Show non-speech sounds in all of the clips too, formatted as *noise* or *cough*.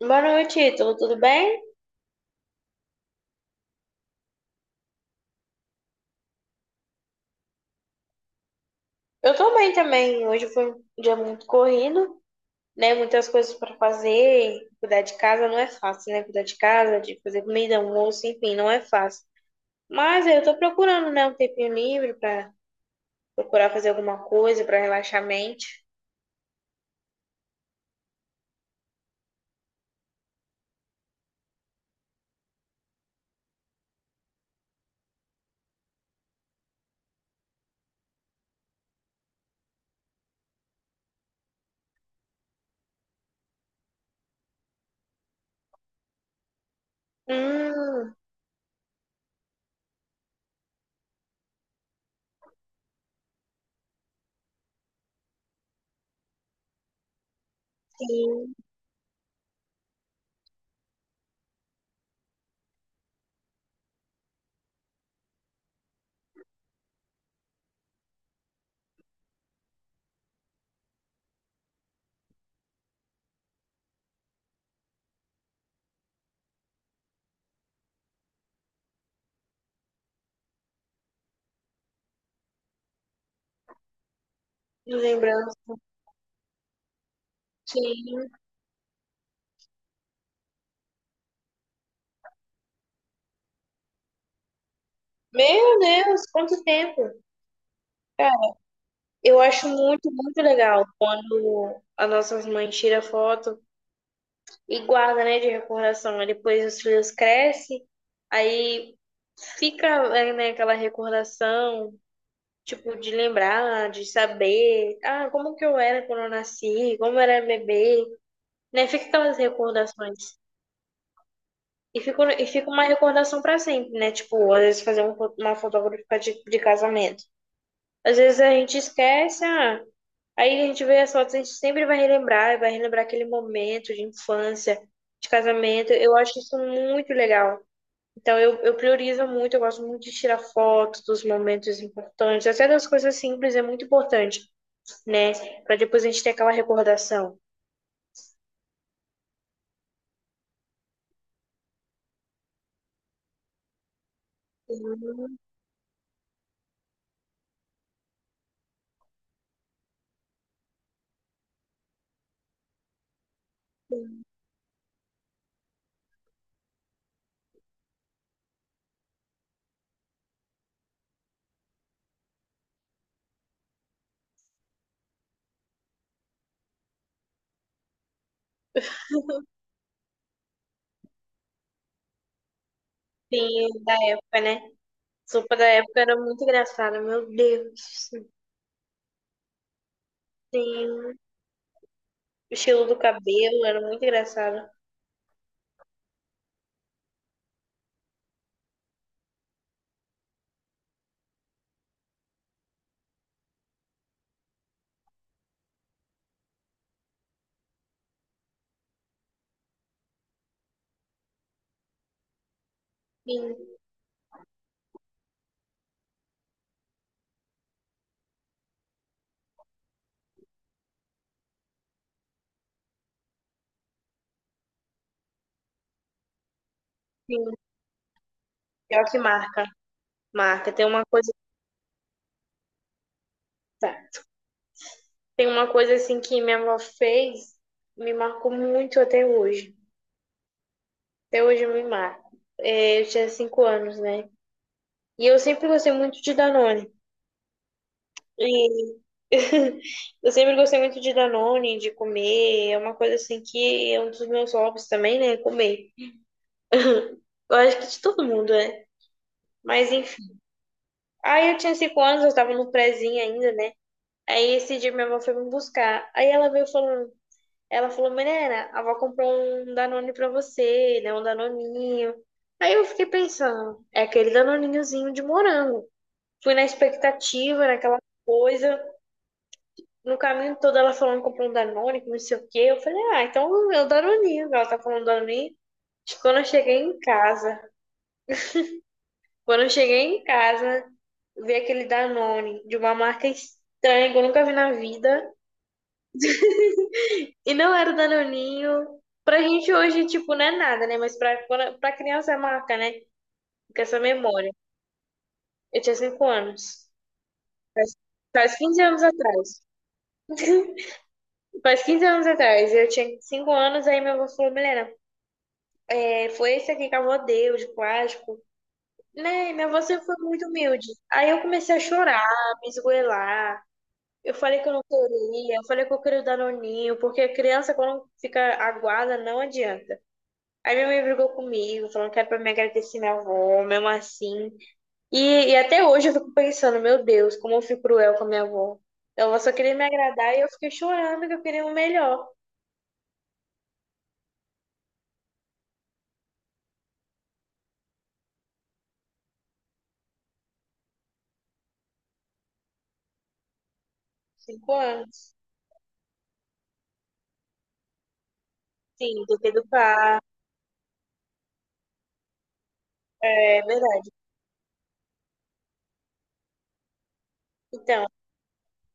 Boa noite, Ítalo, tudo bem? Eu tô bem também. Hoje foi um dia muito corrido, né? Muitas coisas para fazer. Cuidar de casa não é fácil, né? Cuidar de casa, de fazer comida, almoço, enfim, não é fácil. Mas eu tô procurando, né, um tempinho livre para procurar fazer alguma coisa para relaxar a mente. Hum, sim, lembrando, sim. Meu Deus, quanto tempo! Eu acho muito, muito legal quando as nossas mães tiram foto e guarda, né, de recordação. Aí depois os filhos crescem, aí fica, é, né, aquela recordação, tipo, de lembrar, de saber, ah, como que eu era quando eu nasci, como eu era bebê, né? Fica aquelas recordações. E fica uma recordação para sempre, né? Tipo, às vezes fazer um uma fotografia de casamento. Às vezes a gente esquece, ah, aí a gente vê as fotos, a gente sempre vai relembrar aquele momento de infância, de casamento. Eu acho isso muito legal. Então eu priorizo muito, eu gosto muito de tirar fotos dos momentos importantes, até das coisas simples é muito importante, né? Para depois a gente ter aquela recordação. Sim, da época, né? Sopa da época era muito engraçada, meu Deus. Sim. O estilo do cabelo era muito engraçado. Sim, sim. Pior que marca, marca. Tem uma coisa assim que minha avó fez, me marcou muito até hoje. Até hoje me marca. É, eu tinha cinco anos, né? E eu sempre gostei muito de Danone. E *laughs* eu sempre gostei muito de Danone, de comer. É uma coisa assim que é um dos meus hobbies também, né? Comer. Eu acho que de todo mundo, né? Mas enfim. Aí eu tinha cinco anos, eu tava no prézinho ainda, né? Aí esse dia minha avó foi me buscar. Aí ela veio falando: ela falou, menina, a avó comprou um Danone pra você, né? Um Danoninho. Aí eu fiquei pensando, é aquele Danoninhozinho de morango. Fui na expectativa, naquela coisa. No caminho todo ela falando que comprou um Danone, que não sei o quê. Eu falei, ah, então é o Danoninho. Ela tá falando Danoninho. Quando eu cheguei em casa, Quando eu cheguei em casa, vi aquele Danone de uma marca estranha que eu nunca vi na vida. E não era o Danoninho. Pra gente hoje, tipo, não é nada, né? Mas pra, pra criança é marca, né? Com essa memória. Eu tinha cinco anos. Faz, faz 15 anos atrás. Faz 15 anos atrás. Eu tinha cinco anos, aí minha avó falou, Milena, é, foi esse aqui que a avó deu, de plástico. Né? Minha avó sempre foi muito humilde. Aí eu comecei a chorar, me esgoelar. Eu falei que eu não queria, eu falei que eu queria o Danoninho, porque a criança, quando fica aguada, não adianta. Aí minha mãe brigou comigo, falando que era pra me agradecer minha avó, mesmo assim. E, e até hoje eu fico pensando, meu Deus, como eu fui cruel com a minha avó. Então, ela só queria me agradar e eu fiquei chorando que eu queria o melhor. Cinco anos. Sim, tem que educar. É verdade. Então,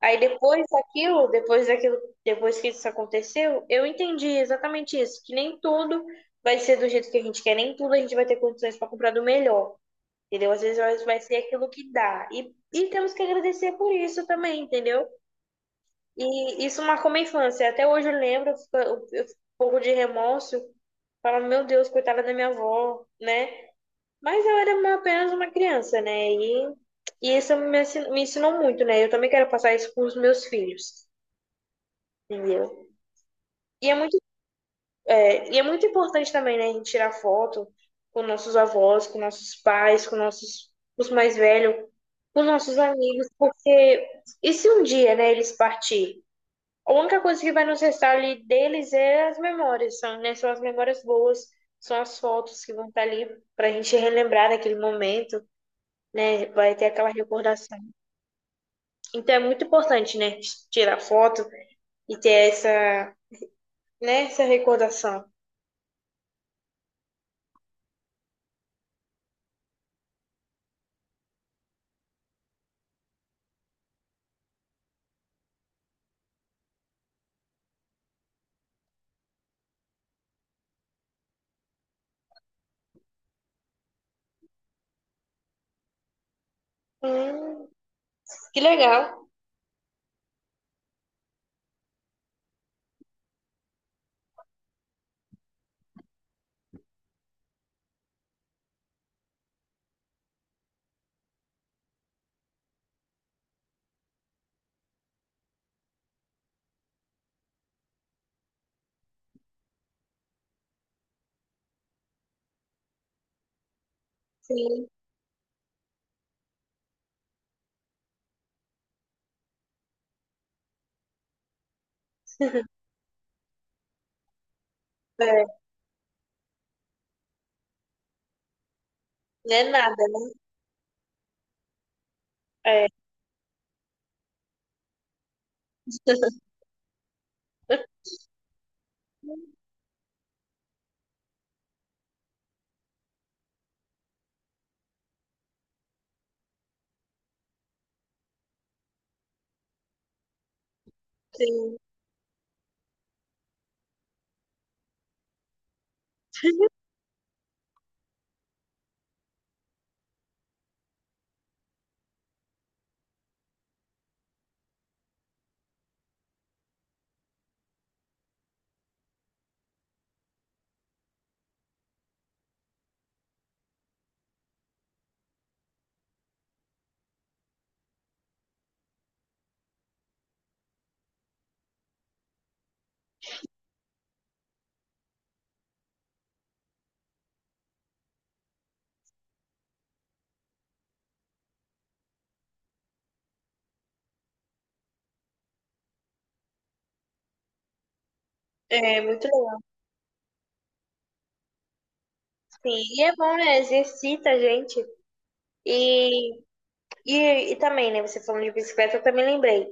aí depois que isso aconteceu, eu entendi exatamente isso, que nem tudo vai ser do jeito que a gente quer, nem tudo a gente vai ter condições para comprar do melhor. Entendeu? Às vezes nós vai ser aquilo que dá. E temos que agradecer por isso também, entendeu? E isso marcou minha infância. Até hoje eu lembro, eu fico um pouco de remorso, falando, meu Deus, coitada da minha avó, né? Mas eu era apenas uma criança, né? E isso me ensinou muito, né? Eu também quero passar isso para os meus filhos, entendeu? E é muito É, e é muito importante também, né, a gente tirar foto com nossos avós, com nossos pais, com nossos, com os mais velhos, com nossos amigos, porque e se um dia, né, eles partirem? A única coisa que vai nos restar ali deles é as memórias, são, né, são as memórias boas, são as fotos que vão estar ali para a gente relembrar daquele momento, né, vai ter aquela recordação. Então é muito importante, né, tirar foto e ter essa, né, essa recordação. Hum, que legal. Sim. É, não é nada, né? É, sim. É muito louco. Sim, e é bom, né? Exercita a gente. E, e, e também, né? Você falando de bicicleta, eu também lembrei.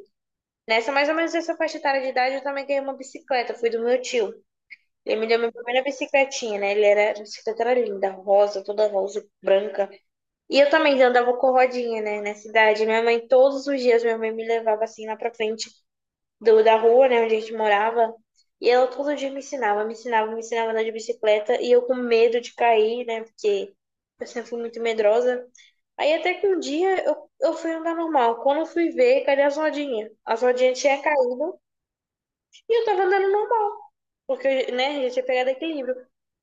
Nessa mais ou menos essa faixa etária de idade, eu também ganhei uma bicicleta. Fui do meu tio. Ele me deu minha primeira bicicletinha, né? Ele era, a bicicleta era linda, rosa, toda rosa, branca. E eu também andava com rodinha, né? Nessa idade. Minha mãe, todos os dias, minha mãe me levava assim lá pra frente. Do, da rua, né, onde a gente morava. E ela todo dia me ensinava a andar de bicicleta. E eu com medo de cair, né, porque eu sempre fui muito medrosa. Aí até que um dia eu fui andar normal. Quando eu fui ver, cadê as rodinhas? As rodinhas tinham caído e eu tava andando normal. Porque, né, já tinha pegado equilíbrio.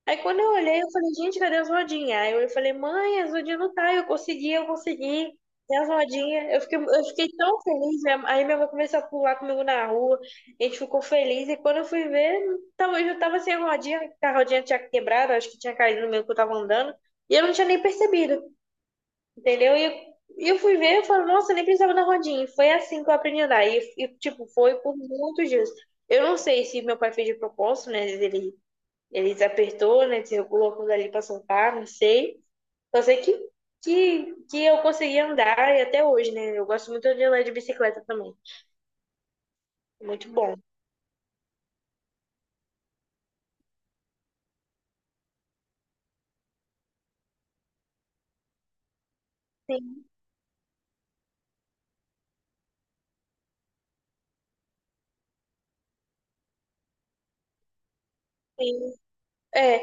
Aí quando eu olhei, eu falei, gente, cadê as rodinhas? Aí eu falei, mãe, as rodinhas não tá. Eu consegui. E as rodinhas, eu fiquei tão feliz. Aí minha mãe começou a pular comigo na rua. A gente ficou feliz. E quando eu fui ver, eu já tava sem a rodinha. Que A rodinha tinha quebrado, acho que tinha caído no meio que eu tava andando. E eu não tinha nem percebido. Entendeu? E eu fui ver, eu falo, nossa, eu nem precisava da rodinha. E foi assim que eu aprendi a andar. E, tipo, foi por muitos dias. Eu não sei se meu pai fez de propósito, né? Ele desapertou, né? Desregulou aquilo ali pra soltar, não sei. Só sei que eu consegui andar e até hoje, né? Eu gosto muito de andar de bicicleta também. Muito bom. Sim, sim. É,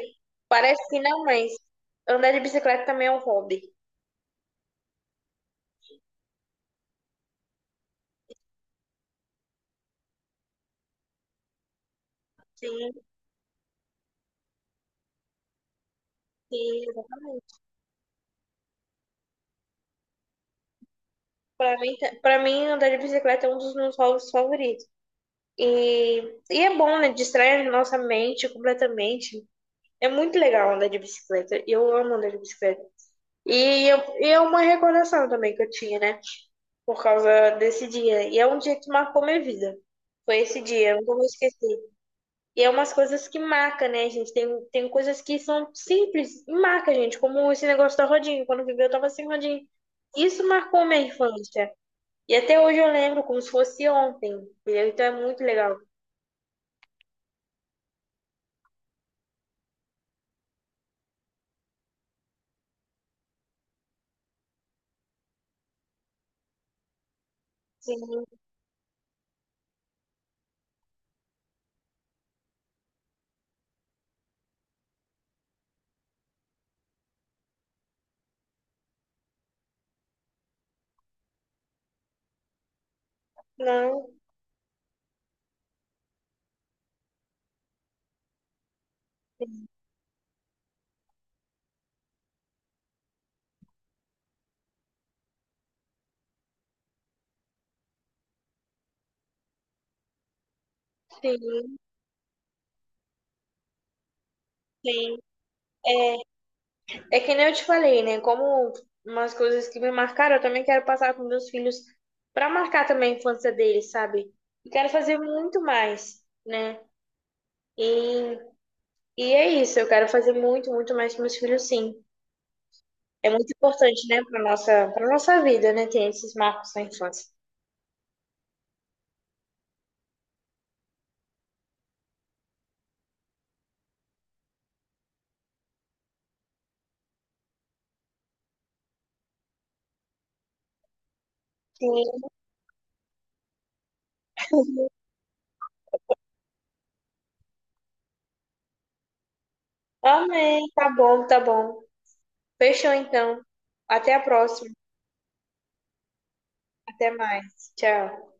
parece que não, mas andar de bicicleta também é um hobby. Sim, sim. Pra mim, andar de bicicleta é um dos meus hobbies favoritos. E é bom, né? Distrai a nossa mente completamente. É muito legal andar de bicicleta. Eu amo andar de bicicleta. E é uma recordação também que eu tinha, né? Por causa desse dia. E é um dia que marcou minha vida. Foi esse dia, eu nunca vou esquecer. E é umas coisas que marca, né, gente? Tem coisas que são simples e marca, gente. Como esse negócio da rodinha. Quando eu vivi, eu tava sem rodinha. Isso marcou minha infância. E até hoje eu lembro como se fosse ontem. Entendeu? Então é muito legal. Sim, não. Sim, sim. É, é que nem eu te falei, né? Como umas coisas que me marcaram, eu também quero passar com meus filhos para marcar também a infância deles, sabe? E quero fazer muito mais, né? E, e é isso, eu quero fazer muito, muito mais com meus filhos, sim. É muito importante, né, para nossa vida, né, ter esses marcos na infância. Sim, amém. Tá bom, tá bom. Fechou então. Até a próxima. Até mais. Tchau.